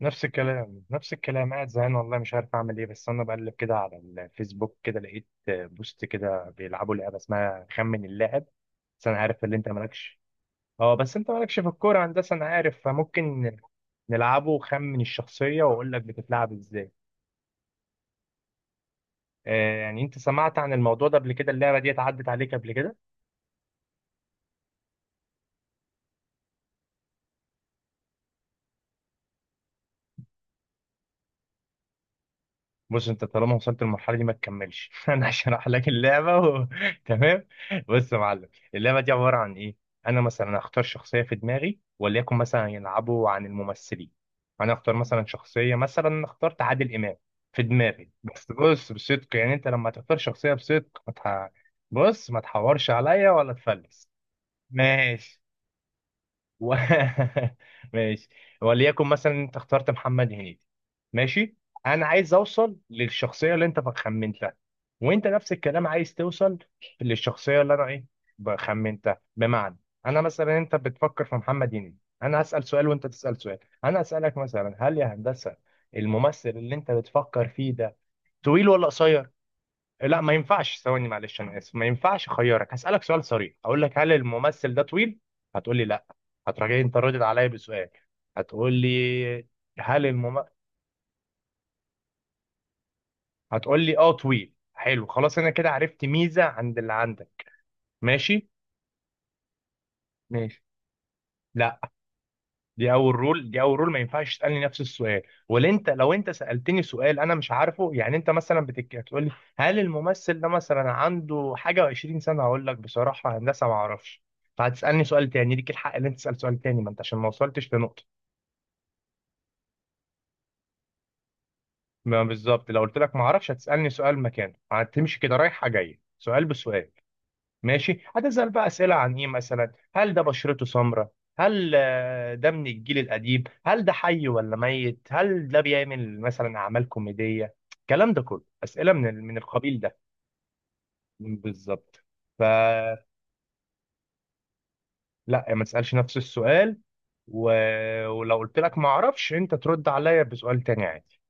نفس الكلام، قاعد زهقان والله، مش عارف اعمل ايه. بس انا بقلب كده على الفيسبوك، كده لقيت بوست كده بيلعبوا لعبه اسمها خمن اللاعب. بس انا عارف ان انت مالكش. اه بس انت مالكش في الكوره هندسه، انا عارف، فممكن نلعبه، خمن الشخصيه، واقول لك بتتلعب ازاي. آه يعني انت سمعت عن الموضوع ده قبل كده؟ اللعبه دي اتعدت عليك قبل كده؟ بص، انت طالما وصلت للمرحله دي ما تكملش. انا هشرح لك اللعبه وتمام. بص يا معلم، اللعبه دي عباره عن ايه. انا مثلا هختار شخصيه في دماغي، وليكن مثلا يلعبوا عن الممثلين. انا اختار مثلا شخصيه، مثلا اخترت عادل امام في دماغي. بس بص بصدق، يعني انت لما تختار شخصيه بصدق ما تح... بص ما تحورش عليا ولا تفلس. ماشي. و... ماشي. وليكن مثلا انت اخترت محمد هنيدي. ماشي. انا عايز اوصل للشخصيه اللي انت خمنتها، وانت نفس الكلام عايز توصل للشخصيه اللي انا ايه خمنتها. بمعنى، انا مثلا انت بتفكر في محمد هنيدي، انا هسال سؤال وانت تسال سؤال. انا اسالك مثلا: هل يا هندسه الممثل اللي انت بتفكر فيه ده طويل ولا قصير؟ لا، ما ينفعش. ثواني معلش انا اسف، ما ينفعش. اخيرك هسالك سؤال صريح، هقول لك: هل الممثل ده طويل؟ هتقول لي لا. هتراجعني، انت ردت عليا بسؤال. هتقول لي: هل المم... هتقول لي اه طويل. حلو خلاص، انا كده عرفت ميزه عند اللي عندك. ماشي. ماشي. لا، دي اول رول، ما ينفعش تسالني نفس السؤال. ولا انت لو انت سالتني سؤال انا مش عارفه، يعني انت مثلا تقول لي: هل الممثل ده مثلا عنده حاجه و20 سنه؟ هقول لك بصراحه هندسه ما اعرفش. فهتسالني سؤال تاني، ليك الحق ان انت تسال سؤال تاني ما انت عشان ما وصلتش لنقطه. ما بالظبط، لو قلت لك ما اعرفش هتسالني سؤال مكانه، هتمشي كده رايحه جايه سؤال بسؤال. ماشي. هتسأل بقى أسئلة عن إيه؟ مثلا: هل ده بشرته سمراء؟ هل ده من الجيل القديم؟ هل ده حي ولا ميت؟ هل ده بيعمل مثلا أعمال كوميدية؟ الكلام ده كله أسئلة من من القبيل ده. بالظبط. فلا، ما تسألش نفس السؤال. و... ولو قلت لك ما أعرفش أنت ترد عليا بسؤال تاني عادي.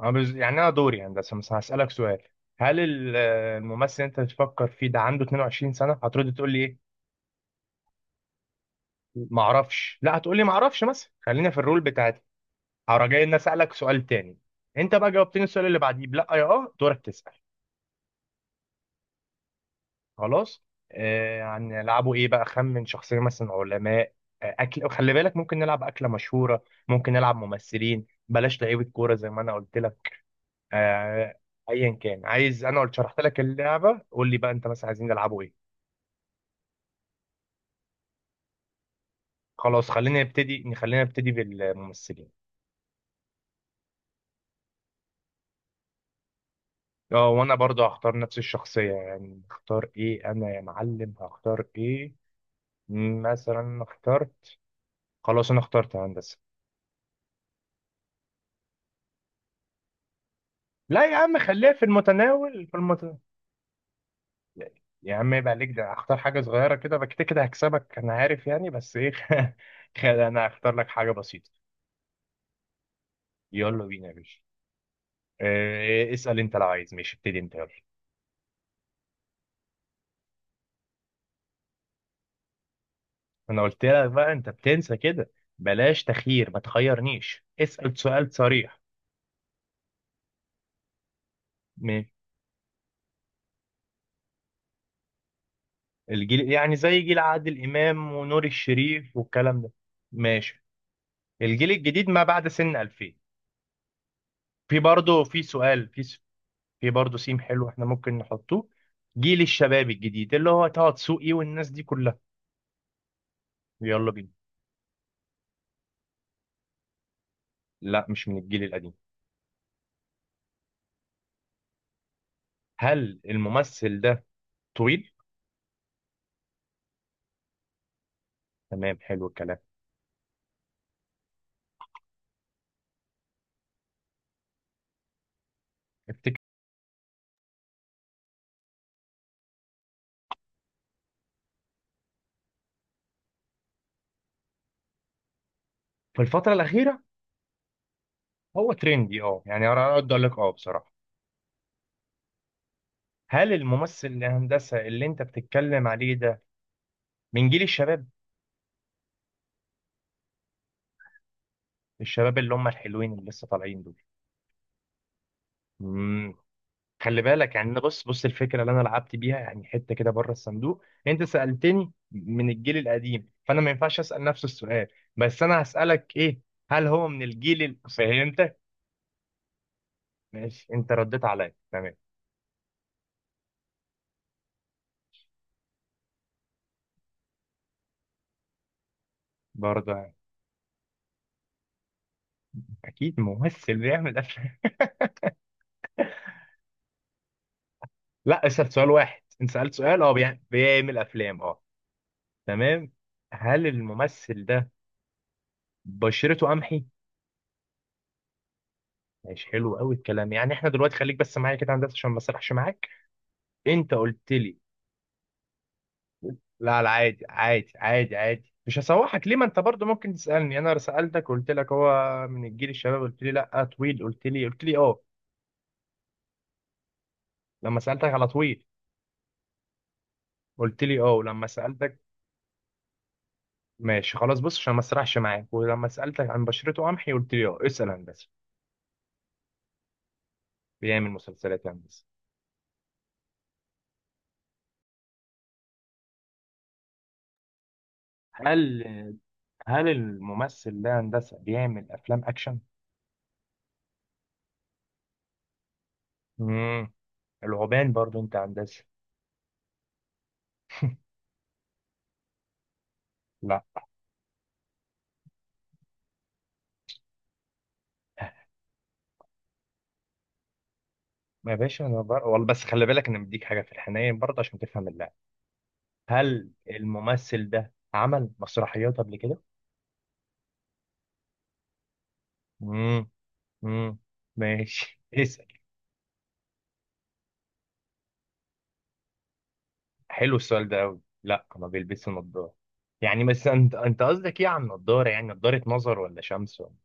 يعني أنا دوري هندسة مثلا هسألك سؤال: هل الممثل اللي أنت بتفكر فيه ده عنده 22 سنة؟ هترد تقول لي إيه؟ ما اعرفش. لا هتقولي ما اعرفش مثلا، خلينا في الرول بتاعتي. هروح جاي إن اسالك سؤال تاني. انت بقى جاوبتني السؤال اللي بعديه بلا يا اه دورك تسال. خلاص. آه هنلعبوا ايه بقى؟ خمن شخصيه مثلا علماء. آه اكل، خلي بالك ممكن نلعب اكله مشهوره، ممكن نلعب ممثلين، بلاش لعيبه كوره زي ما انا قلت لك. آه، ايا كان عايز، انا قلت شرحت لك اللعبه، قول لي بقى انت مثلا عايزين نلعبوا ايه. خلاص خلينا نبتدي، خلينا نبتدي بالممثلين. اه وانا برضه هختار نفس الشخصية. يعني اختار ايه انا يا معلم؟ هختار ايه؟ مثلا اخترت، خلاص انا اخترت هندسة. لا يا عم، خليها في المتناول، في المتناول. يا عم يبقى عليك ده، اختار حاجة صغيرة كده بقى، كده كده هكسبك انا عارف يعني، بس ايه. خلي انا هختار لك حاجة بسيطة. يلا بينا يا باشا. اه اسأل انت لو عايز، ماشي ابتدي انت يلا. انا قلت لك بقى، انت بتنسى كده. بلاش تخيير، ما تخيرنيش، اسأل سؤال صريح. الجيل يعني زي جيل عادل إمام ونور الشريف والكلام ده. ماشي. الجيل الجديد ما بعد سن 2000. في برضه في سؤال في س- في برضه سيم، حلو، احنا ممكن نحطه. جيل الشباب الجديد اللي هو طه دسوقي والناس دي كلها. يلا بينا. لا مش من الجيل القديم. هل الممثل ده طويل؟ تمام حلو الكلام. افتكر في الفترة الأخيرة هو ترندي، اه يعني انا اقدر اقول لك اه بصراحة. هل الممثل الهندسة اللي انت بتتكلم عليه ده من جيل الشباب؟ الشباب اللي هم الحلوين اللي لسه طالعين دول. مم. خلي بالك يعني، أنا بص بص الفكره اللي انا لعبت بيها يعني حته كده بره الصندوق، انت سالتني من الجيل القديم فانا ما ينفعش اسال نفس السؤال. بس انا هسالك ايه: هل هو من الجيل فهمتك. ماشي، انت رديت عليا، تمام. برضه، اكيد ممثل بيعمل افلام. لا اسال سؤال واحد، انت سالت سؤال اه بيعمل افلام، اه. تمام، هل الممثل ده بشرته قمحي؟ ماشي حلو قوي الكلام. يعني احنا دلوقتي خليك بس معايا كده يا هندسه عشان ما اسرحش معاك. انت قلت لي، لا لا، عادي، مش هسوحك ليه، ما انت برضو ممكن تسالني. انا سالتك قلت لك هو من الجيل الشباب، قلت لي لا. طويل، قلت لي، قلت لي اه، لما سالتك على طويل قلت لي اه. ولما سالتك، ماشي خلاص. بص عشان ما اسرحش معاك، ولما سالتك عن بشرته قمحي قلت لي اه. اسال هندسه. بيعمل مسلسلات يا هندسه. هل هل الممثل ده هندسه بيعمل افلام اكشن؟ امم العوبان برضو انت يا هندسه. لا. ما يا باشا انا والله، بس خلي بالك انا مديك حاجه في الحنين برضه عشان تفهم اللعب. هل الممثل ده عمل مسرحيات قبل كده؟ امم امم ماشي. اسال. حلو السؤال ده قوي. لا ما بيلبسش نظاره. يعني بس انت، انت قصدك ايه عن نظاره؟ يعني نظاره نظر ولا شمس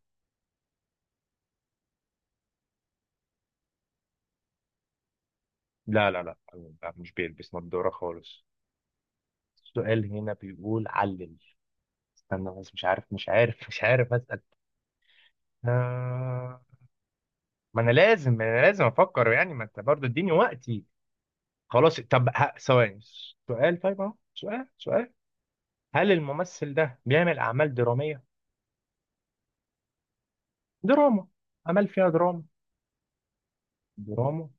لا لا لا لا، مش بيلبس نظاره خالص. السؤال هنا بيقول علل. استنى بس، مش عارف اسال. آه... ما انا لازم افكر، يعني ما انت برضه اديني وقتي. خلاص طب ثواني، سؤال. طيب اهو سؤال، سؤال. هل الممثل ده بيعمل اعمال دراميه؟ دراما، اعمال فيها دراما، دراما.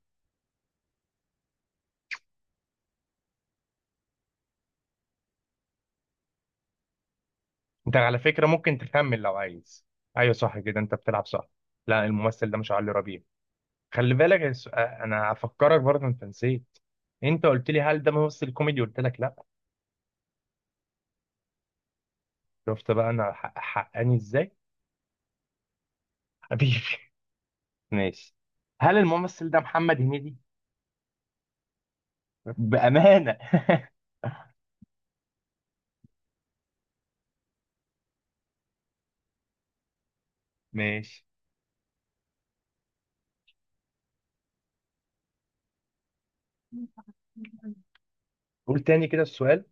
انت على فكره ممكن تكمل لو عايز. ايوه صح كده انت بتلعب، صح. لا الممثل ده مش علي ربيع. خلي بالك انا هفكرك برضه انت نسيت. انت قلت لي هل ده ممثل كوميدي، قلت لك لا. شفت بقى انا حقاني ازاي. حبيبي. ماشي. هل الممثل ده محمد هنيدي؟ بامانه. ماشي، قول تاني كده السؤال.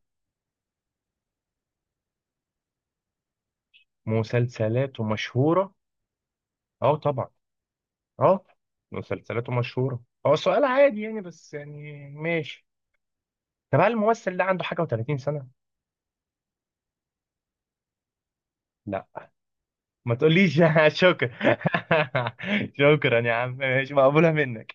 مسلسلات مشهورة، اه طبعا، اه. مسلسلات مشهورة هو سؤال عادي يعني، بس يعني ماشي. طب هل الممثل ده عنده حاجة و30 سنة؟ لا. ما تقوليش. شكرا. شكرا يا عم، ماشي، مقبولة منك.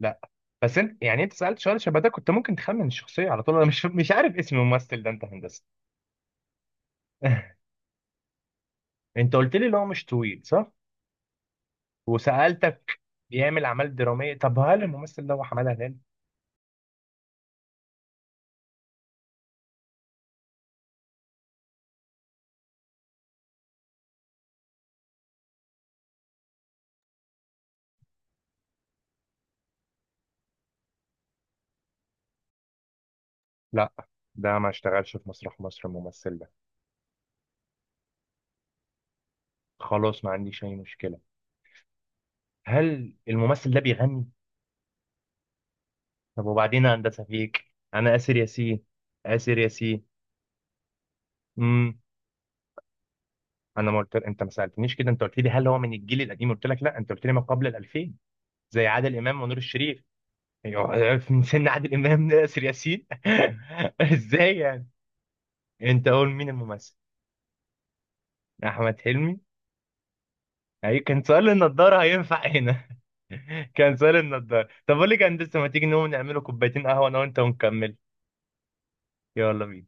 لا بس انت يعني، انت سألت سؤال شبه ده كنت ممكن تخمن الشخصية على طول. انا مش مش عارف اسم الممثل ده انت هندسة. انت قلت لي اللي هو مش طويل، صح؟ وسألتك بيعمل اعمال درامية. طب هل الممثل ده هو حمادة هلال؟ لا. ده ما اشتغلش في مسرح مصر الممثل ده. خلاص ما عنديش اي مشكله. هل الممثل ده بيغني؟ طب وبعدين يا هندسه فيك. انا اسر ياسين. اسر ياسين. امم انا ما قلت، انت ما سالتنيش كده. انت قلت لي هل هو من الجيل القديم، قلت لك لا. انت قلت لي ما قبل ال 2000، زي عادل امام ونور الشريف. أيوة، من سن عادل امام لاسر ياسين. ازاي يعني؟ انت قول مين الممثل. احمد حلمي؟ أي كان سؤال النضارة هينفع هنا. كان سؤال النضارة. طب أقول لك يا هندسة، ما تيجي نقوم نعمله كوبايتين قهوة أنا وأنت ونكمل. يلا بينا.